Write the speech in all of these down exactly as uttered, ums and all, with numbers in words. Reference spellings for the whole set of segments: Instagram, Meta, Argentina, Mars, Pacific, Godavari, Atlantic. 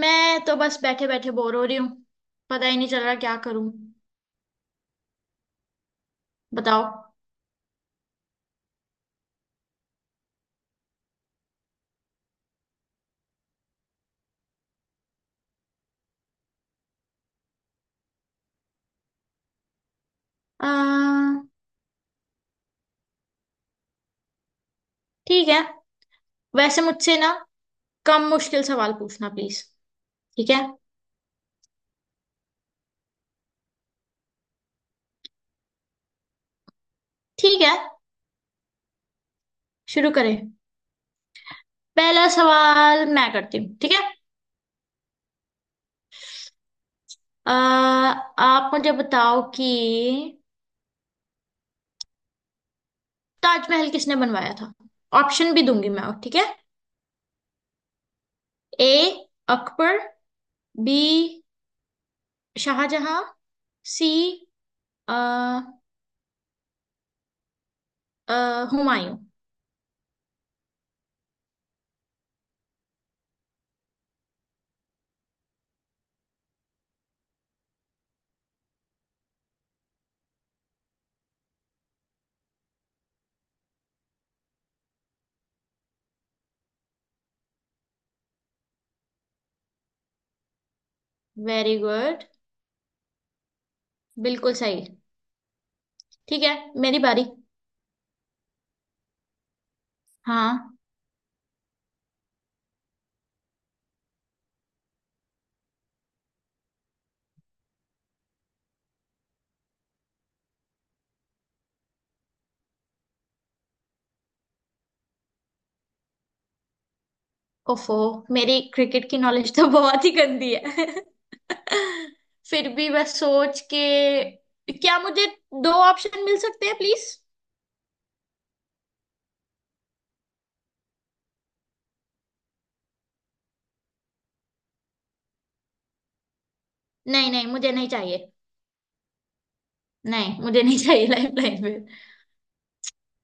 मैं तो बस बैठे बैठे बोर हो रही हूँ। पता ही नहीं चल रहा क्या करूं। बताओ। आ, ठीक है। वैसे मुझसे ना कम मुश्किल सवाल पूछना प्लीज। ठीक है। ठीक है। शुरू करें। पहला सवाल मैं करती हूँ ठीक है। आ, आप मुझे बताओ कि ताजमहल किसने बनवाया था। ऑप्शन भी दूंगी मैं ठीक है। A, Akbar. B, Shahjahan. C, आ, हुमायूं। Very good. बिल्कुल सही। ठीक है। मेरी बारी। हाँ। ओफो, मेरी क्रिकेट की नॉलेज तो बहुत ही गंदी है। फिर भी बस सोच के। क्या मुझे दो ऑप्शन मिल सकते हैं प्लीज। नहीं नहीं, मुझे नहीं चाहिए। नहीं, मुझे नहीं चाहिए लाइफ लाइन में।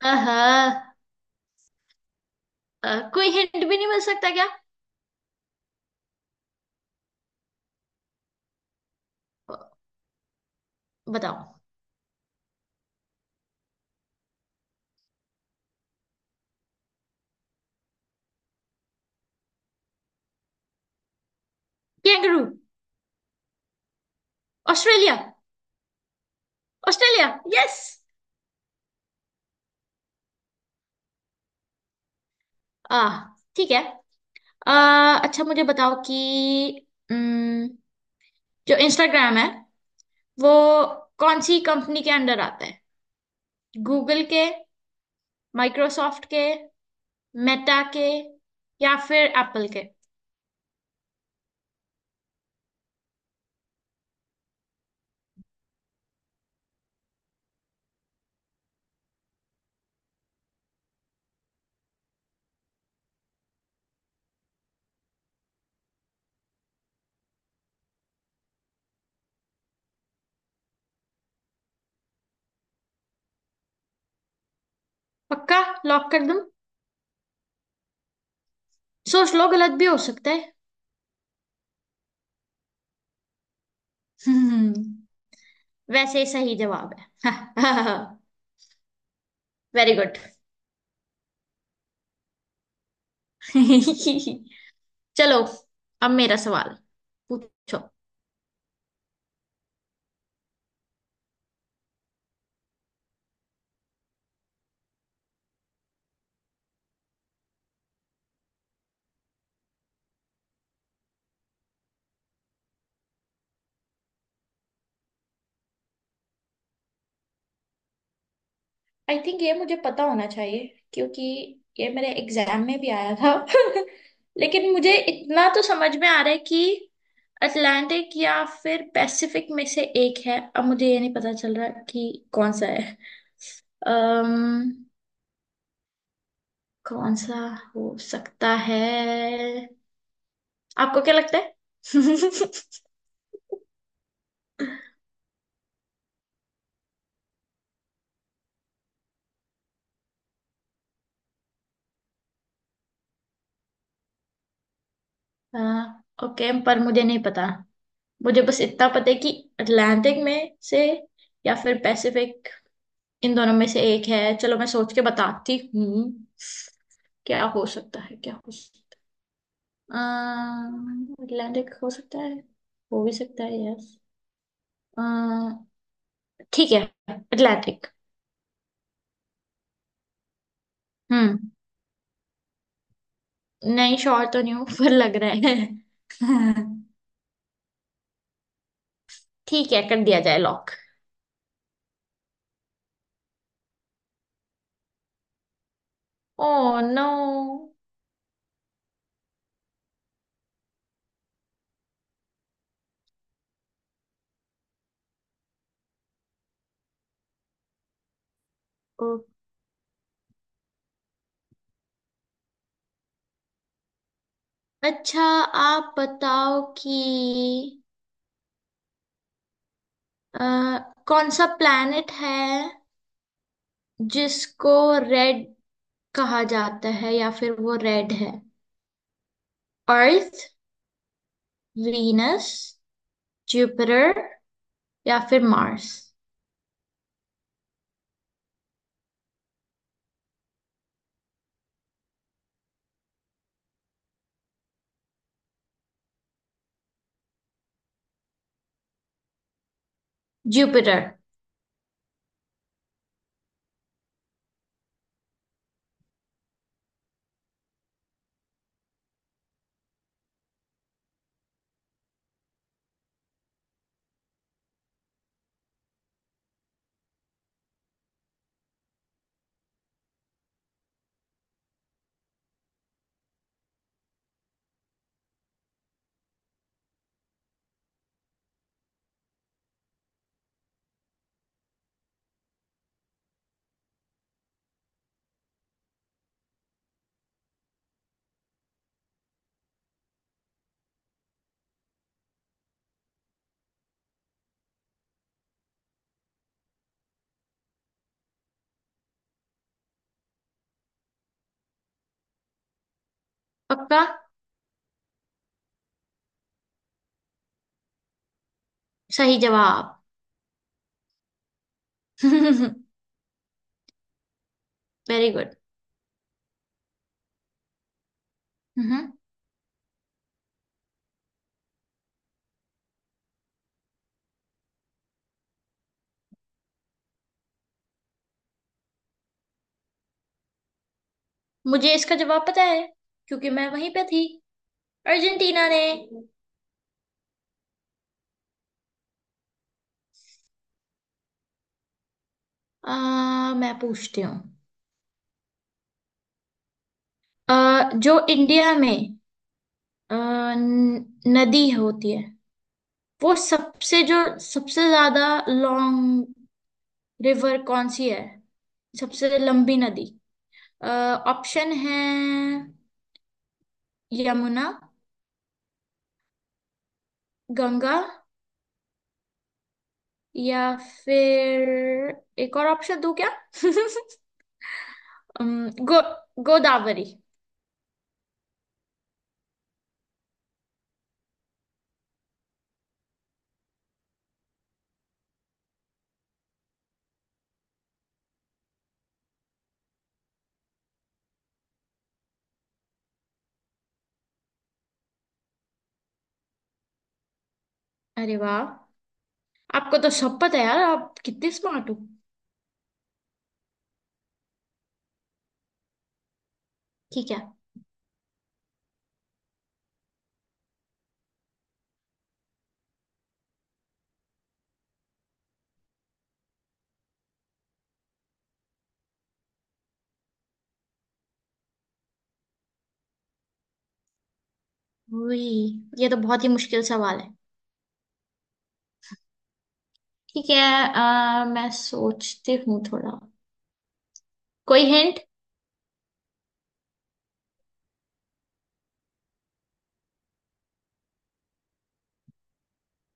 आहा, कोई हिंट भी नहीं मिल सकता क्या। अ, बताओ। कैंगरू। ऑस्ट्रेलिया। ऑस्ट्रेलिया। यस। आ ठीक है। आ, अच्छा मुझे बताओ कि अम, जो इंस्टाग्राम है वो कौन सी कंपनी के अंडर आता है। गूगल के। माइक्रोसॉफ्ट के। मेटा के। या फिर एप्पल के। पक्का। लॉक कर दूं। सोच लो गलत भी हो सकता है। हम्म। वैसे सही जवाब है। Very good. चलो अब मेरा सवाल पूछो। आई थिंक ये मुझे पता होना चाहिए, क्योंकि ये मेरे एग्जाम में भी आया था। लेकिन मुझे इतना तो समझ में आ रहा है कि अटलांटिक या फिर पैसिफिक में से एक है। अब मुझे ये नहीं पता चल रहा कि कौन सा है। अम्म कौन सा हो सकता है। आपको क्या लगता है। हाँ ओके, पर मुझे नहीं पता। मुझे बस इतना पता है कि अटलांटिक में से या फिर पैसिफिक, इन दोनों में से एक है। चलो मैं सोच के बताती हूँ। क्या हो सकता है, क्या हो सकता है। अटलांटिक हो सकता है। हो भी सकता है। यस। ठीक है। अटलांटिक। हम्म। नहीं, श्योर तो नहीं हूँ पर लग रहा है। ठीक है, कर दिया जाए लॉक। Oh no. अच्छा आप बताओ कि अ, कौन सा प्लैनेट है जिसको रेड कहा जाता है, या फिर वो रेड है। अर्थ। वीनस। जुपिटर। या फिर मार्स। जुपिटर। पक्का। सही जवाब। Very good. हम्म। मुझे इसका जवाब पता है, क्योंकि मैं वहीं पे थी। अर्जेंटीना ने। आ, मैं पूछती हूँ। अ, जो इंडिया में अ, न- नदी होती है, वो सबसे जो सबसे ज्यादा लॉन्ग रिवर कौन सी है। सबसे लंबी नदी। ऑप्शन है। यमुना। गंगा। या फिर एक और ऑप्शन दूं क्या। अम, गो गोदावरी। अरे वाह, आपको तो सब पता है यार। आप कितने स्मार्ट हो। ठीक है। वही, ये तो बहुत ही मुश्किल सवाल है। ठीक है। अ, मैं सोचती हूँ थोड़ा। कोई हिंट।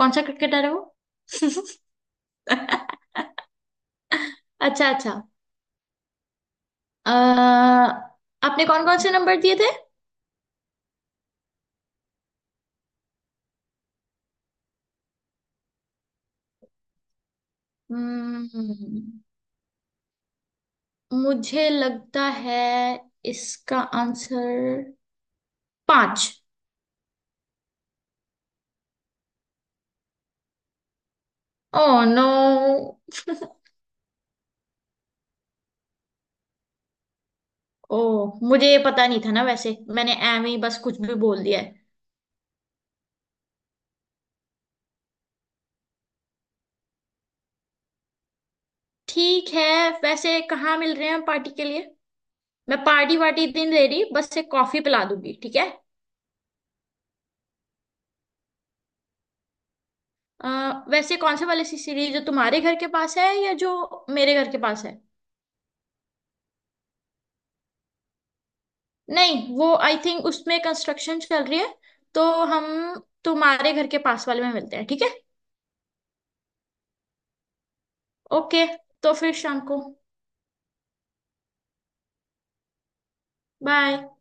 कौन सा क्रिकेटर है वो। अच्छा अच्छा। अ, आपने कौन कौन से नंबर दिए थे। हम्म। मुझे लगता है इसका आंसर पांच। Oh no. ओ, मुझे ये पता नहीं था ना। वैसे मैंने एम ही बस कुछ भी बोल दिया है। ठीक है। वैसे कहाँ मिल रहे हैं हम पार्टी के लिए। मैं पार्टी वार्टी दिन दे रही, बस से कॉफी पिला दूंगी ठीक है। अ, वैसे कौन से वाले सी सीढ़ी, जो तुम्हारे घर के पास है या जो मेरे घर के पास है। नहीं वो आई थिंक उसमें कंस्ट्रक्शन चल रही है। तो हम तुम्हारे घर के पास वाले में मिलते हैं ठीक है। ओके। तो फिर शाम को। बाय।